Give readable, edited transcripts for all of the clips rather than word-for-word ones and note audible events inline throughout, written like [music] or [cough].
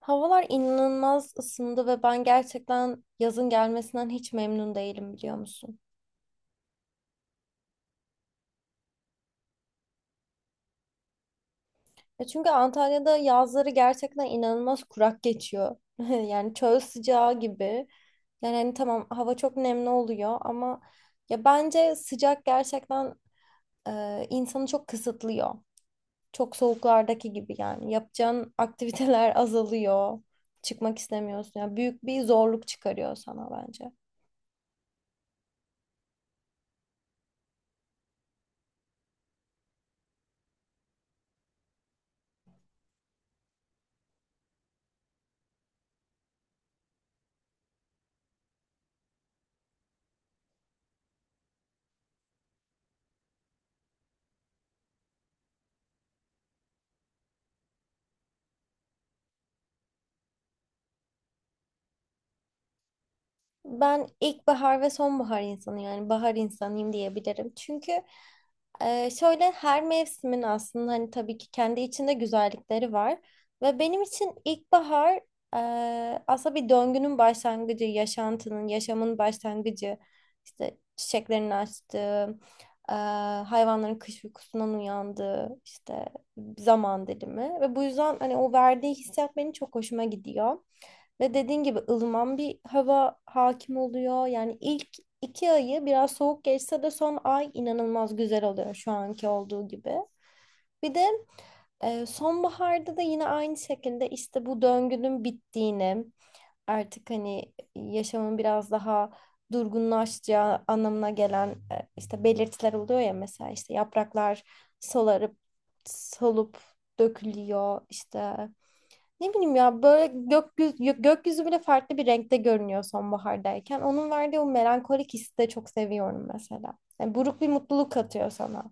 Havalar inanılmaz ısındı ve ben gerçekten yazın gelmesinden hiç memnun değilim biliyor musun? Ya çünkü Antalya'da yazları gerçekten inanılmaz kurak geçiyor. [laughs] Yani çöl sıcağı gibi. Yani hani tamam hava çok nemli oluyor ama ya bence sıcak gerçekten insanı çok kısıtlıyor. Çok soğuklardaki gibi yani. Yapacağın aktiviteler [laughs] azalıyor. Çıkmak istemiyorsun. Yani büyük bir zorluk çıkarıyor sana bence. Ben ilkbahar ve sonbahar insanı yani bahar insanıyım diyebilirim. Çünkü şöyle her mevsimin aslında hani tabii ki kendi içinde güzellikleri var. Ve benim için ilkbahar aslında bir döngünün başlangıcı, yaşantının, yaşamın başlangıcı. İşte çiçeklerin açtığı, e, hayvanların kış uykusundan uyandığı işte zaman dilimi. Ve bu yüzden hani o verdiği hissiyat benim çok hoşuma gidiyor. Ve dediğin gibi ılıman bir hava hakim oluyor. Yani ilk iki ayı biraz soğuk geçse de son ay inanılmaz güzel oluyor şu anki olduğu gibi. Bir de sonbaharda da yine aynı şekilde işte bu döngünün bittiğini, artık hani yaşamın biraz daha durgunlaşacağı anlamına gelen işte belirtiler oluyor ya mesela işte yapraklar solarıp solup dökülüyor işte ne bileyim ya böyle gökyüzü bile farklı bir renkte görünüyor sonbahardayken. Onun verdiği o melankolik hissi de çok seviyorum mesela. Yani buruk bir mutluluk katıyor sana.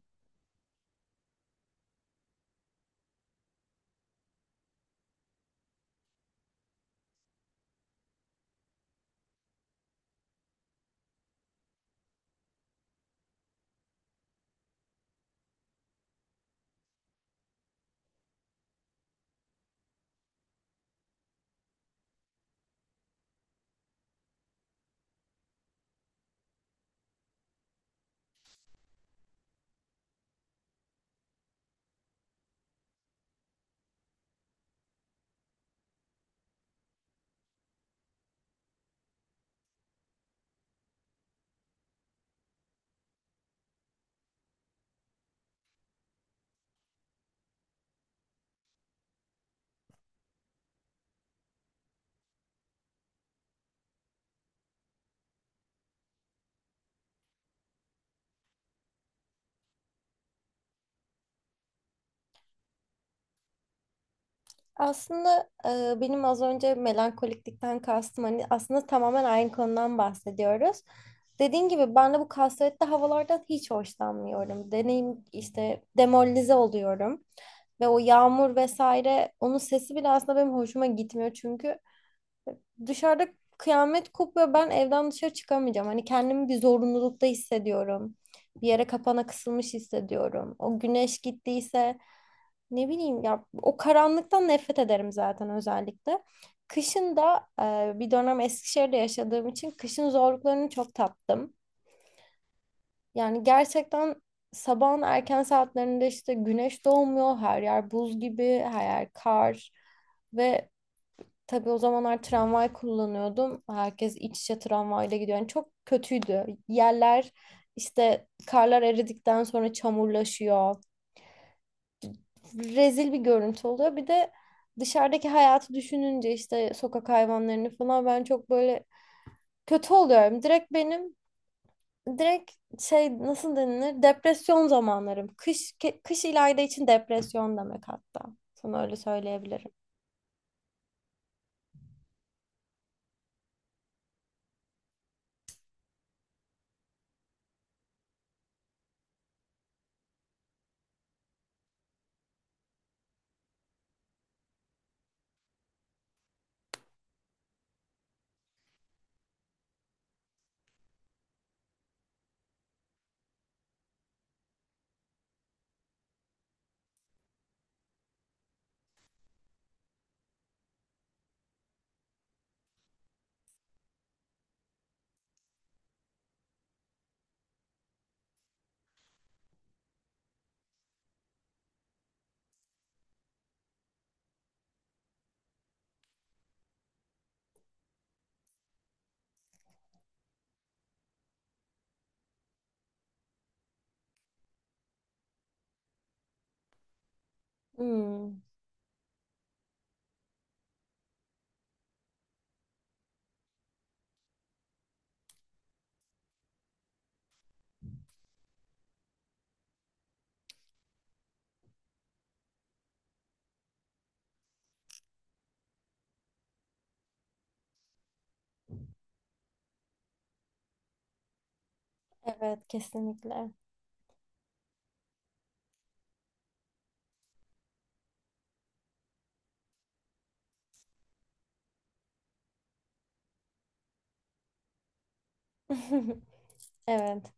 Aslında benim az önce melankoliklikten kastım hani aslında tamamen aynı konudan bahsediyoruz. Dediğim gibi ben de bu kasvetli havalardan hiç hoşlanmıyorum. Deneyim işte demoralize oluyorum. Ve o yağmur vesaire onun sesi bile aslında benim hoşuma gitmiyor çünkü dışarıda kıyamet kopuyor. Ben evden dışarı çıkamayacağım. Hani kendimi bir zorunlulukta hissediyorum. Bir yere kapana kısılmış hissediyorum. O güneş gittiyse ne bileyim ya o karanlıktan nefret ederim zaten özellikle. Kışın da bir dönem Eskişehir'de yaşadığım için kışın zorluklarını çok tattım. Yani gerçekten sabahın erken saatlerinde işte güneş doğmuyor. Her yer buz gibi, her yer kar ve tabii o zamanlar tramvay kullanıyordum. Herkes iç içe tramvayla gidiyor. Yani çok kötüydü. Yerler işte karlar eridikten sonra çamurlaşıyor. Rezil bir görüntü oluyor. Bir de dışarıdaki hayatı düşününce işte sokak hayvanlarını falan ben çok böyle kötü oluyorum. Direkt benim direkt şey nasıl denilir? Depresyon zamanlarım. Kış İlayda için depresyon demek hatta. Sana öyle söyleyebilirim. Hmm, evet kesinlikle. [laughs] Evet,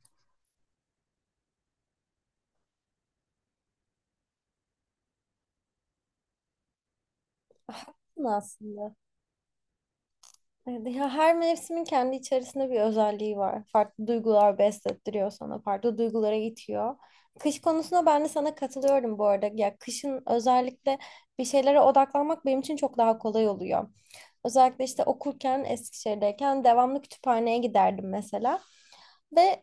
aslında. Evet, ya her mevsimin kendi içerisinde bir özelliği var. Farklı duygular beslettiriyor sana, farklı duygulara itiyor. Kış konusunda ben de sana katılıyorum bu arada. Ya kışın özellikle bir şeylere odaklanmak benim için çok daha kolay oluyor. Özellikle işte okurken Eskişehir'deyken devamlı kütüphaneye giderdim mesela. Ve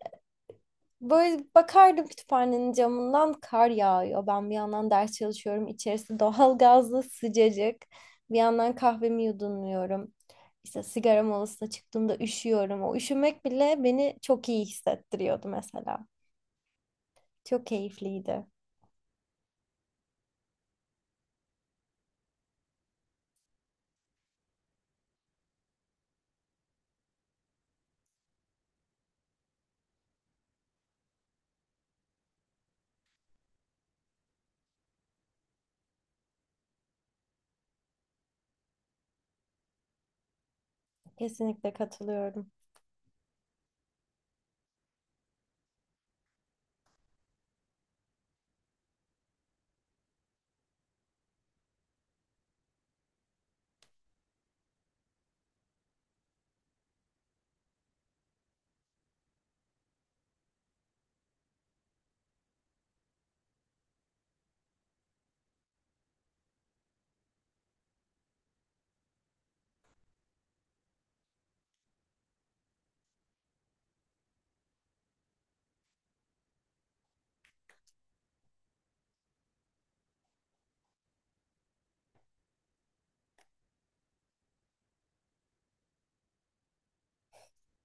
böyle bakardım kütüphanenin camından kar yağıyor. Ben bir yandan ders çalışıyorum. İçerisi doğal gazlı sıcacık. Bir yandan kahvemi yudumluyorum. İşte sigara molasına çıktığımda üşüyorum. O üşümek bile beni çok iyi hissettiriyordu mesela. Çok keyifliydi. Kesinlikle katılıyorum.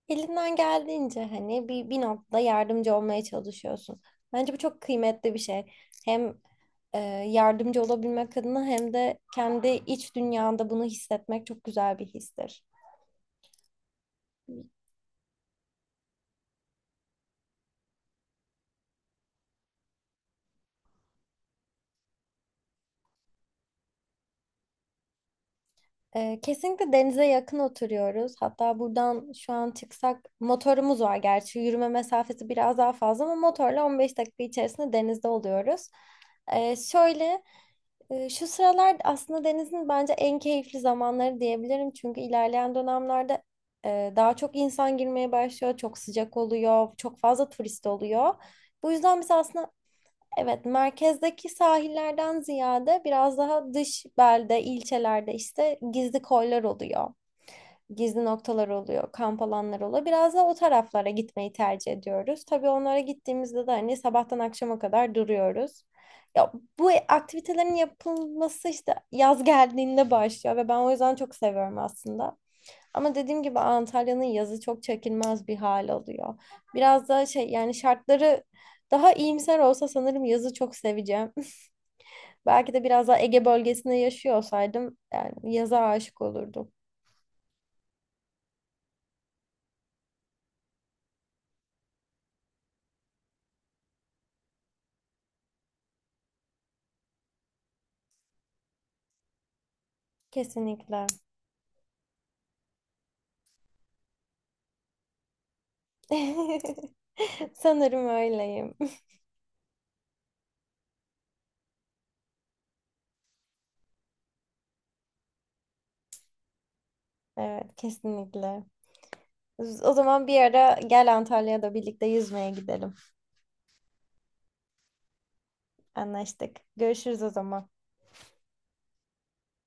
Elinden geldiğince hani bir noktada yardımcı olmaya çalışıyorsun. Bence bu çok kıymetli bir şey. Hem e, yardımcı olabilmek adına hem de kendi iç dünyanda bunu hissetmek çok güzel bir histir. Kesinlikle denize yakın oturuyoruz. Hatta buradan şu an çıksak motorumuz var gerçi. Yürüme mesafesi biraz daha fazla ama motorla 15 dakika içerisinde denizde oluyoruz. Ee, şöyle Şu sıralar aslında denizin bence en keyifli zamanları diyebilirim. Çünkü ilerleyen dönemlerde daha çok insan girmeye başlıyor. Çok sıcak oluyor. Çok fazla turist oluyor. Bu yüzden biz aslında evet, merkezdeki sahillerden ziyade biraz daha dış belde, ilçelerde işte gizli koylar oluyor. Gizli noktalar oluyor, kamp alanları oluyor. Biraz da o taraflara gitmeyi tercih ediyoruz. Tabii onlara gittiğimizde de hani sabahtan akşama kadar duruyoruz. Ya bu aktivitelerin yapılması işte yaz geldiğinde başlıyor ve ben o yüzden çok seviyorum aslında. Ama dediğim gibi Antalya'nın yazı çok çekilmez bir hal alıyor. Biraz da şey yani şartları daha iyimser olsa sanırım yazı çok seveceğim. [laughs] Belki de biraz daha Ege bölgesinde yaşıyor olsaydım yani yaza aşık olurdum. Kesinlikle. [laughs] Sanırım öyleyim. [laughs] Evet, kesinlikle. O zaman bir ara gel Antalya'da birlikte yüzmeye gidelim. Anlaştık. Görüşürüz o zaman.